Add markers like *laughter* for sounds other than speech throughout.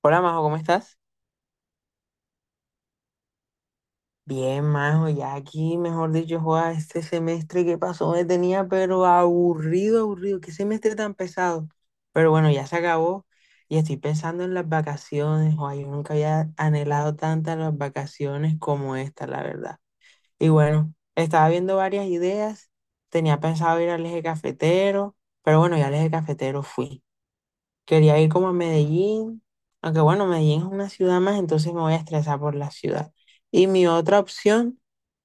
Hola Majo, ¿cómo estás? Bien, Majo, ya aquí, mejor dicho, joda, este semestre que pasó me tenía pero aburrido, aburrido, qué semestre tan pesado. Pero bueno, ya se acabó y estoy pensando en las vacaciones, joda, yo nunca había anhelado tantas las vacaciones como esta, la verdad. Y bueno, estaba viendo varias ideas, tenía pensado ir al eje cafetero, pero bueno, ya al eje cafetero fui. Quería ir como a Medellín, aunque bueno, Medellín es una ciudad más, entonces me voy a estresar por la ciudad. Y mi otra opción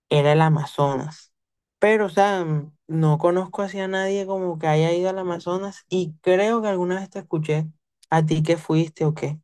era el Amazonas. Pero, o sea, no conozco así a nadie como que haya ido al Amazonas y creo que alguna vez te escuché a ti que fuiste o qué.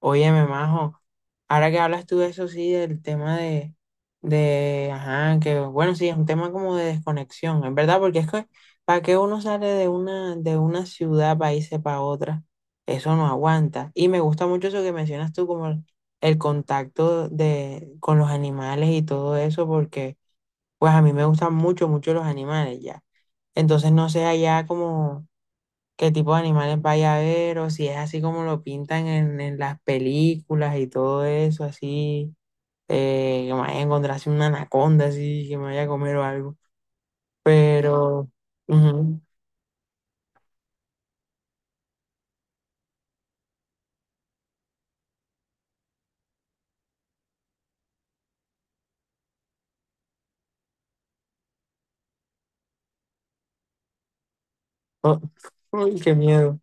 Óyeme, majo, ahora que hablas tú de eso, sí, del tema de, ajá, que bueno, sí, es un tema como de desconexión, es verdad, porque es que, ¿para que uno sale de una ciudad para irse para otra? Eso no aguanta. Y me gusta mucho eso que mencionas tú, como el contacto de, con los animales y todo eso, porque, pues, a mí me gustan mucho, mucho los animales ya. Entonces, no sé allá como qué tipo de animales vaya a haber o si es así como lo pintan en las películas y todo eso, así que me vaya a encontrarse una anaconda, así que me vaya a comer o algo. Pero, ujú, oh, uy, qué miedo.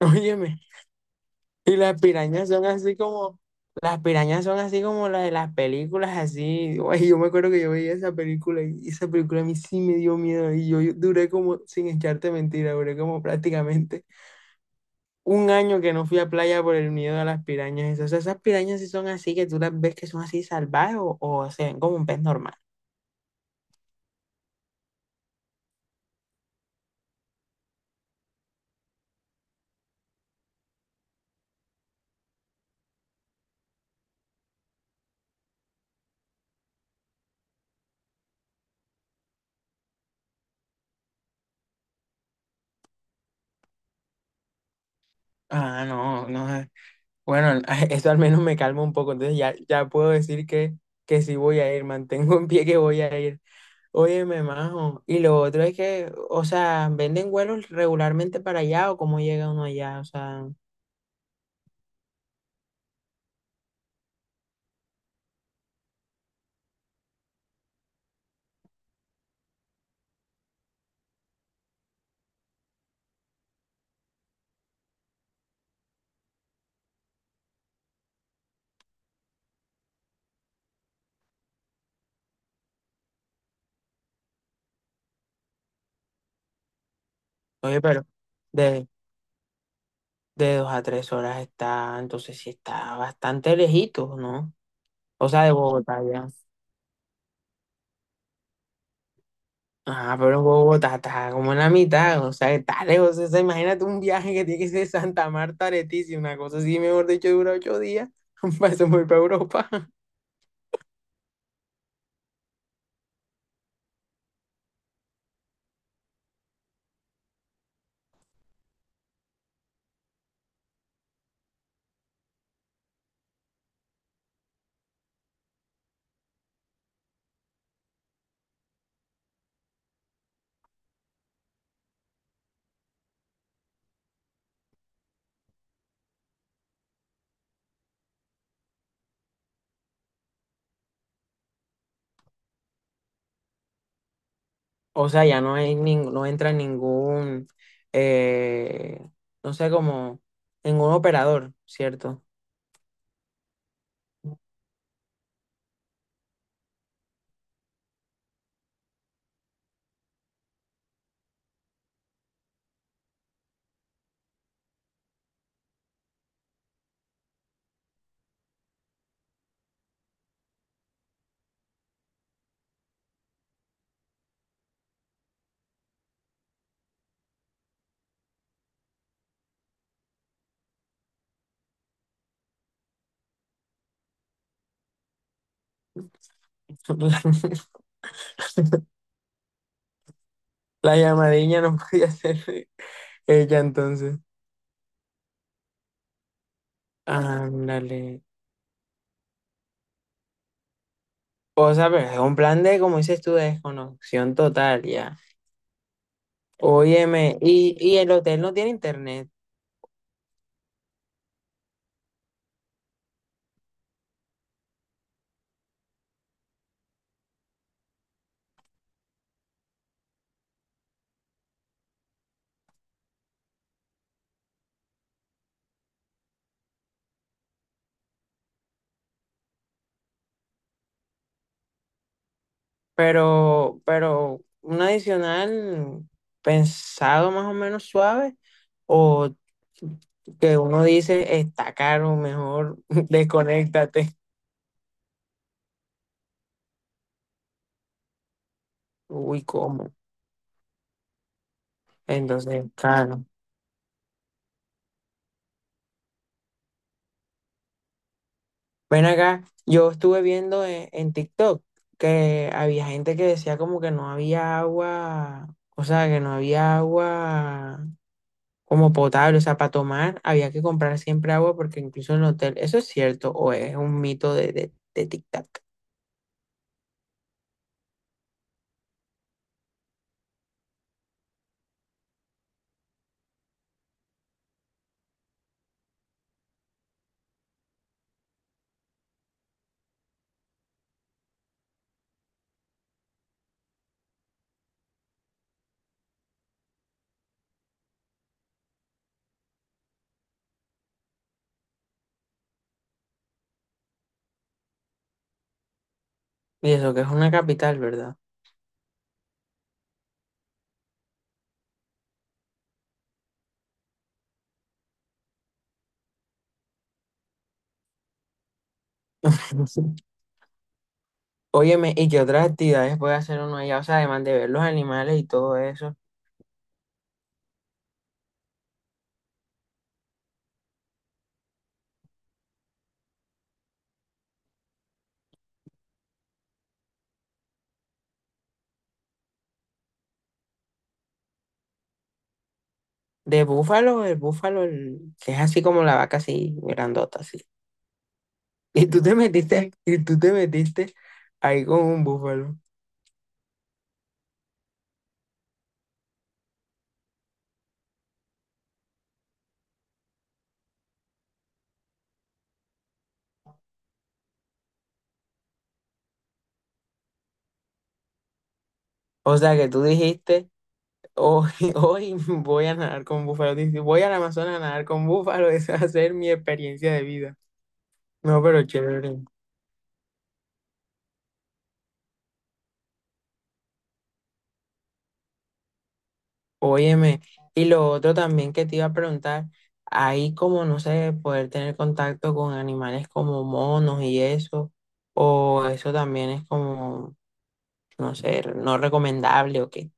*laughs* Óyeme, y las pirañas son así como, las pirañas son así como las de las películas, así. *laughs* Uy, yo me acuerdo que yo veía esa película y esa película a mí sí me dio miedo y yo duré como, sin echarte mentira, duré como prácticamente un año que no fui a playa por el miedo a las pirañas esas. O sea, esas pirañas sí son así, que tú las ves que son así salvajes o se ven como un pez normal. Ah, no, no sé. Bueno, *laughs* eso al menos me calma un poco. Entonces ya, ya puedo decir que sí voy a ir, mantengo en pie que voy a ir. Óyeme, majo. Y lo otro es que, o sea, venden vuelos regularmente para allá o cómo llega uno allá. O sea, oye, pero de, de 2 a 3 horas está, entonces sí está bastante lejito, ¿no? O sea, de Bogotá ya. Ah, pero Bogotá está como en la mitad, o sea, está lejos. O sea, imagínate un viaje que tiene que ser de Santa Marta a Leticia, una cosa así, mejor dicho, dura 8 días. *laughs* Para eso voy para Europa. *laughs* O sea, ya no hay no entra ningún, eh, no sé, como ningún operador, ¿cierto? *laughs* La llamadilla no podía ser ella entonces. Ándale. O sea, pero es un plan de, como dices tú, de desconexión total, ya. Óyeme, y el hotel no tiene internet. Pero un adicional pensado más o menos suave o que uno dice está caro, mejor *laughs* desconéctate. Uy, ¿cómo? Entonces, claro. Ven acá, yo estuve viendo en TikTok que había gente que decía como que no había agua, o sea, que no había agua como potable, o sea, para tomar había que comprar siempre agua porque incluso en el hotel, ¿eso es cierto o es un mito de, de TikTok? Y eso que es una capital, ¿verdad? *laughs* Óyeme, ¿y qué otras actividades puede hacer uno allá? O sea, además de ver los animales y todo eso. De búfalo, el- que es así como la vaca así, grandota, así. *laughs* Y tú te metiste ahí con un búfalo. O sea, que tú dijiste, hoy, *laughs* hoy voy a nadar con búfalo. Dices, voy al Amazonas a nadar con búfalo, *laughs* esa va a ser mi experiencia de vida. No, pero chévere. Óyeme, y lo otro también que te iba a preguntar, ahí como, no sé, poder tener contacto con animales como monos y eso, o eso también es como, no sé, no recomendable o qué.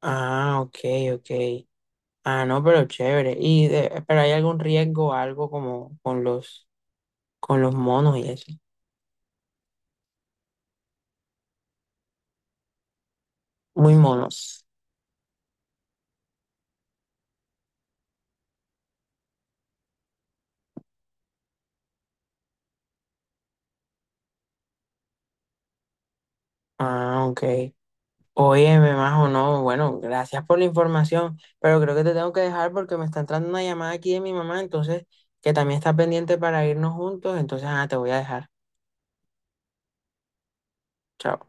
Ah, ok, ok. Ah, no, pero chévere. Y de- pero hay algún riesgo, algo como con los monos y eso. Muy monos. Ah, ok. Óyeme, Majo, no, bueno, gracias por la información, pero creo que te tengo que dejar porque me está entrando una llamada aquí de mi mamá, entonces, que también está pendiente para irnos juntos, entonces, ah, te voy a dejar. Chao.